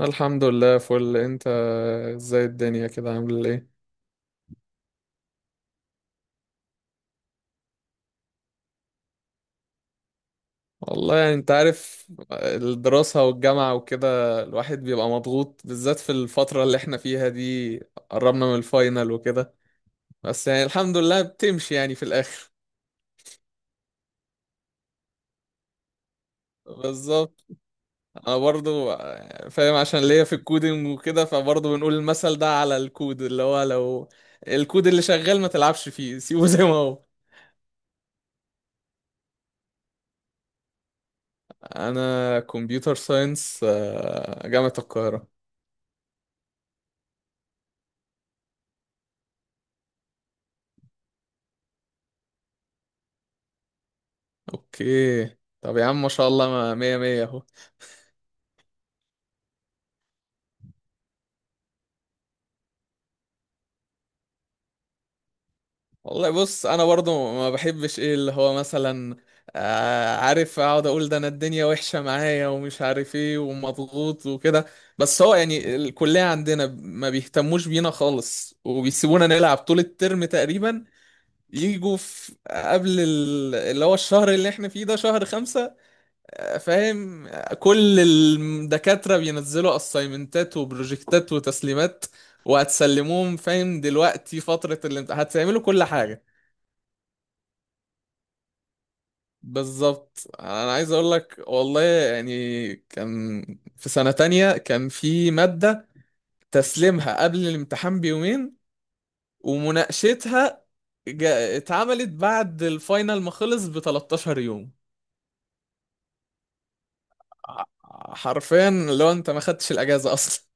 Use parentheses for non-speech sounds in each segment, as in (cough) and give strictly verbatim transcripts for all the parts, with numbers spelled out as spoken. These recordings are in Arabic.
الحمد لله فل، انت؟ ازاي الدنيا كده، عامل ايه؟ والله يعني انت عارف الدراسة والجامعة وكده، الواحد بيبقى مضغوط بالذات في الفترة اللي احنا فيها دي، قربنا من الفاينل وكده. بس يعني الحمد لله بتمشي يعني في الاخر. (laughs) بالظبط. انا برضو فاهم عشان ليا في الكودينج وكده، فبرضو بنقول المثل ده على الكود، اللي هو لو الكود اللي شغال ما تلعبش فيه، سيبه زي ما هو. انا كمبيوتر ساينس، جامعة القاهرة. اوكي طب يا عم، ما شاء الله، ما مية مية اهو. والله بص، انا برضو ما بحبش ايه اللي هو مثلا، آه عارف اقعد اقول ده انا الدنيا وحشة معايا ومش عارف ايه ومضغوط وكده. بس هو يعني الكلية عندنا ما بيهتموش بينا خالص، وبيسيبونا نلعب طول الترم تقريبا. يجوا في قبل ال- اللي هو الشهر اللي احنا فيه ده شهر خمسة، فاهم. كل الدكاترة بينزلوا اسايمنتات وبروجكتات وتسليمات، وهتسلموهم فاهم دلوقتي فترة الامتحان هتعملوا كل حاجة. بالظبط انا عايز اقول لك، والله يعني كان في سنة تانية كان في مادة، تسليمها قبل الامتحان بيومين، ومناقشتها جا- اتعملت بعد الفاينل ما خلص ب تلاتاشر يوم. ع- حرفيا لو انت ما خدتش الاجازة اصلا.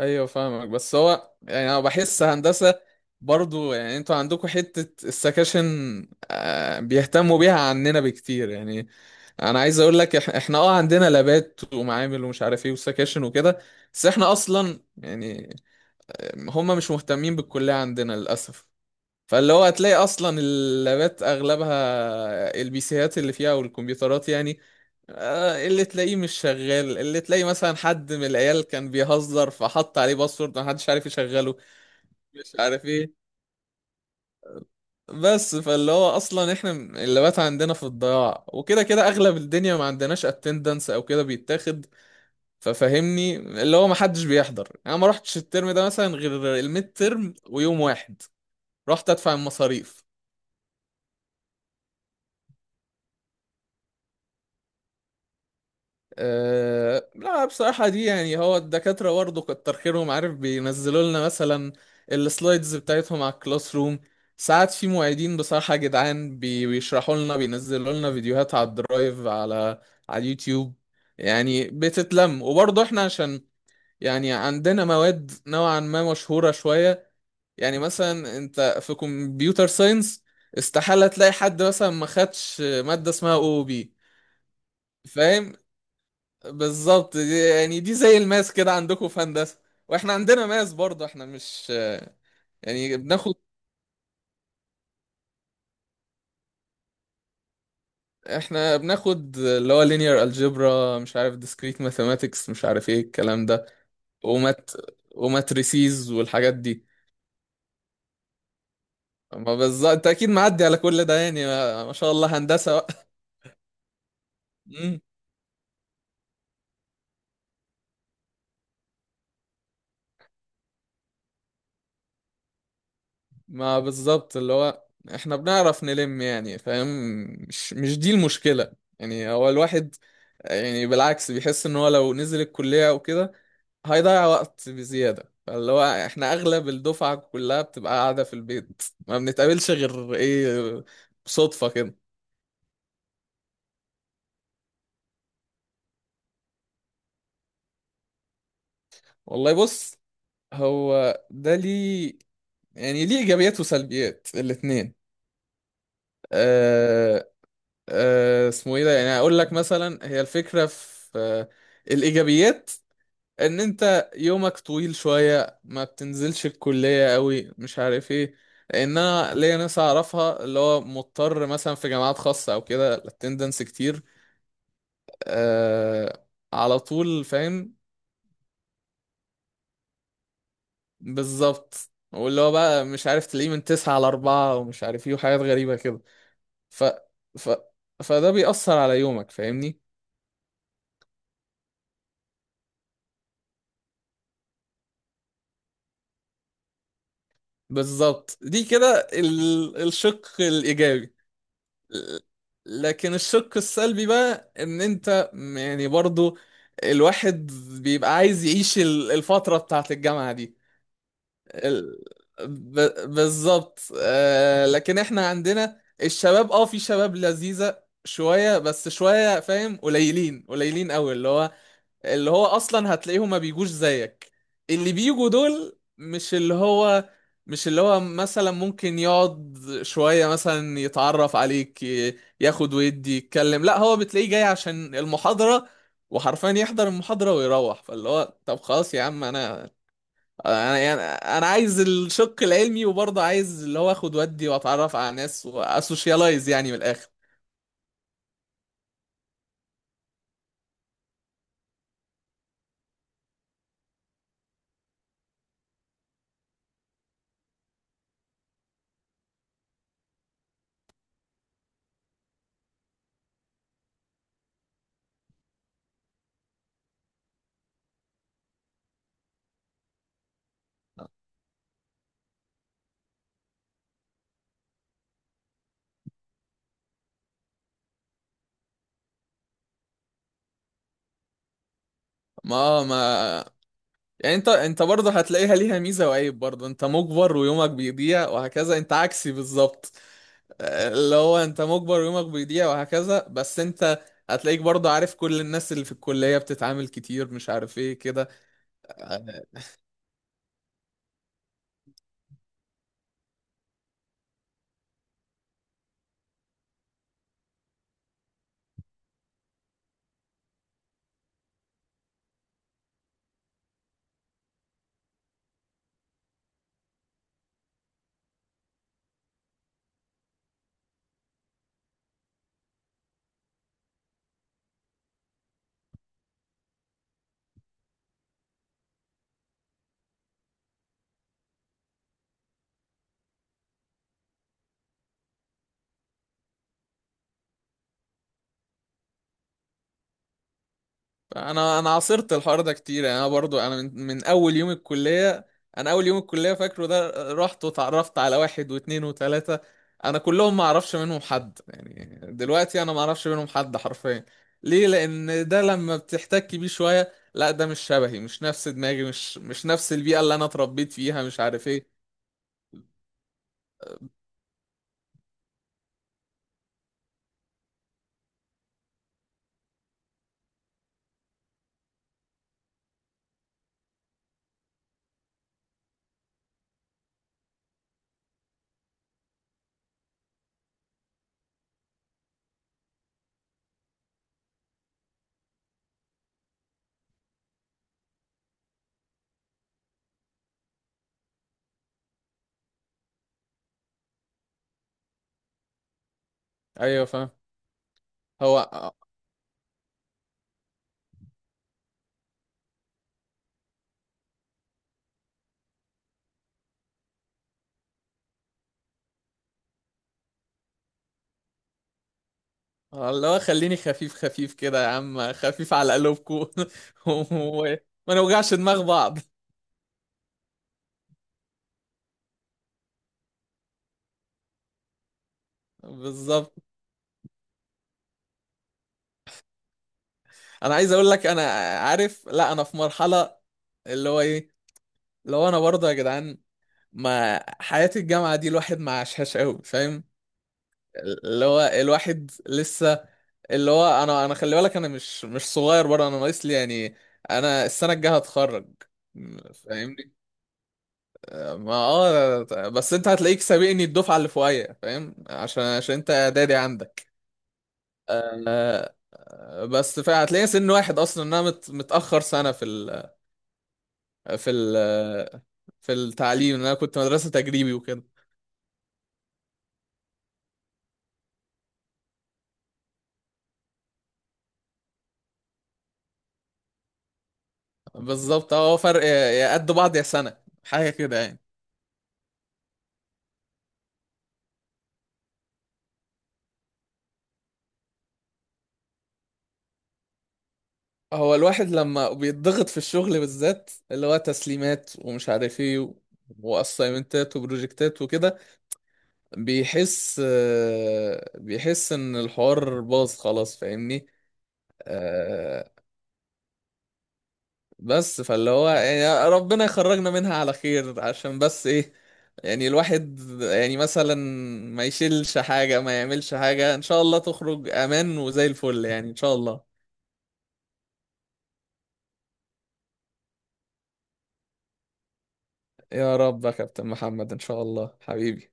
ايوه فاهمك، بس هو يعني انا بحس هندسه برضو، يعني انتوا عندكم حته السكاشن، آه، بيهتموا بيها عننا بكتير يعني. انا عايز اقول لك، إح- احنا اه عندنا لابات ومعامل ومش عارف ايه وسكاشن وكده. بس احنا اصلا يعني هم مش مهتمين بالكليه عندنا للاسف. فاللي هو هتلاقي اصلا اللابات اغلبها، البي سيات اللي فيها والكمبيوترات يعني، آه، اللي تلاقيه مش شغال، اللي تلاقيه مثلا حد من العيال كان بيهزر فحط عليه باسورد محدش عارف يشغله، مش عارف ايه. بس فاللي هو اصلا احنا اللابات عندنا في الضياع، وكده كده اغلب الدنيا ما عندناش اتندنس او كده بيتاخد. ففهمني اللي هو محدش بيحضر، انا ما رحتش الترم ده مثلا غير الميد ترم ويوم واحد رحت ادفع المصاريف. أه لا بصراحة دي يعني هو الدكاترة برضه كتر خيرهم عارف بينزلوا لنا مثلا السلايدز بتاعتهم على الكلاس روم. ساعات في معيدين بصراحة جدعان، بي- بيشرحوا لنا، بينزلوا لنا فيديوهات على الدرايف، على على اليوتيوب. يعني بتتلم. وبرضه احنا عشان يعني عندنا مواد نوعا ما مشهورة شوية، يعني مثلا انت في كمبيوتر ساينس استحالة تلاقي حد مثلا ما خدش مادة اسمها او بي، فاهم. بالظبط دي يعني دي زي الماس كده عندكم في هندسة. واحنا عندنا ماس برضه، احنا مش يعني بناخد، احنا بناخد اللي هو linear algebra مش عارف discrete mathematics مش عارف ايه الكلام ده، ومات وماتريسيز والحاجات دي. ما بالظبط انت اكيد معدي على كل ده يعني، ما, ما شاء الله هندسة بقى. مم. ما بالظبط اللي هو احنا بنعرف نلم يعني فاهم، مش مش دي المشكلة. يعني هو الواحد، يعني بالعكس بيحس ان هو لو نزل الكلية او كده هيضيع وقت بزيادة، فاللي هو احنا اغلب الدفعة كلها بتبقى قاعدة في البيت، ما بنتقابلش غير ايه، صدفة كده. والله بص، هو ده ليه، يعني ليه ايجابيات وسلبيات الاتنين. أه أه اسمه ايه ده، يعني اقول لك مثلا هي الفكرة في آه، الايجابيات، ان انت يومك طويل شوية ما بتنزلش الكلية قوي مش عارف ايه. لان انا ليا ناس اعرفها اللي هو مضطر مثلا في جامعات خاصة او كده الاتندنس كتير، آه على طول فاهم. بالظبط واللي هو بقى مش عارف تلاقيه من تسعة على أربعة ومش عارف ايه وحاجات غريبة كده. ف... ف... فده بيأثر على يومك فاهمني. بالظبط دي كده ال... الشق الإيجابي. لكن الشق السلبي بقى، ان انت م- يعني برضو الواحد بيبقى عايز يعيش ال- الفترة بتاعت الجامعة دي. ال- ب- بالظبط، آه، لكن احنا عندنا الشباب، اه في شباب لذيذة شوية بس شوية فاهم، قليلين قليلين قوي اللي هو اللي هو اصلا هتلاقيهم ما بيجوش زيك. اللي بيجوا دول مش اللي هو مش اللي هو مثلا ممكن يقعد شوية مثلا يتعرف عليك، ي- ياخد ويدي يتكلم، لا هو بتلاقيه جاي عشان المحاضرة وحرفيا يحضر المحاضرة ويروح. فاللي هو طب خلاص يا عم، انا انا يعني انا عايز الشق العلمي وبرضه عايز اللي هو اخد ودي واتعرف على ناس واسوشيالايز يعني من الاخر. ما ما يعني انت انت برضه هتلاقيها ليها ميزه وعيب، برضه انت مجبر ويومك بيضيع وهكذا، انت عكسي بالظبط. آه، اللي هو انت مجبر ويومك بيضيع وهكذا، بس انت هتلاقيك برضه عارف كل الناس اللي في الكليه بتتعامل كتير مش عارف ايه كده. انا انا عاصرت الحوار ده كتير يعني، انا برضو انا من, من اول يوم الكليه. انا اول يوم الكليه فاكره ده رحت وتعرفت على واحد واثنين وثلاثه. انا كلهم ما اعرفش منهم حد يعني، دلوقتي انا ما اعرفش منهم حد حرفيا. ليه؟ لان ده لما بتحتك بيه شويه لا ده مش شبهي مش نفس دماغي مش مش نفس البيئه اللي انا اتربيت فيها مش عارف ايه. ايوه فاهم. هو اللي هو خليني خفيف خفيف كده يا عم، خفيف على قلوبكم (laughs) و- وما نوجعش دماغ بعض. بالظبط، انا عايز اقول لك، انا عارف لا انا في مرحله اللي هو ايه، لو انا برضه يا جدعان، ما حياه الجامعه دي الواحد ما عاشهاش قوي فاهم. اللي هو الواحد لسه، اللي هو انا انا خلي بالك انا مش مش صغير برضه، انا ناقص لي يعني، انا السنه الجايه هتخرج فاهمني. ما اه بس انت هتلاقيك سابقني الدفعه اللي فوقيا فاهم، عشان عشان انت اعدادي عندك. آه، بس فهتلاقي سن واحد اصلا، إن انا مت- متاخر سنه في ال في ال في التعليم، ان انا كنت مدرسة تجريبي وكده. بالظبط، هو فرق يا قد بعض يا سنة حاجة كده يعني. هو الواحد لما بيتضغط في الشغل بالذات اللي هو تسليمات ومش عارف ايه واسايمنتات وبروجكتات وكده، بيحس آه، بيحس ان الحوار باظ خلاص فاهمني. آه، بس فاللي هو يعني ربنا يخرجنا منها على خير، عشان بس ايه، يعني الواحد يعني مثلا ما يشيلش حاجة ما يعملش حاجة، ان شاء الله تخرج امان وزي الفل يعني ان شاء الله. يا رب يا كابتن محمد، ان شاء الله حبيبي.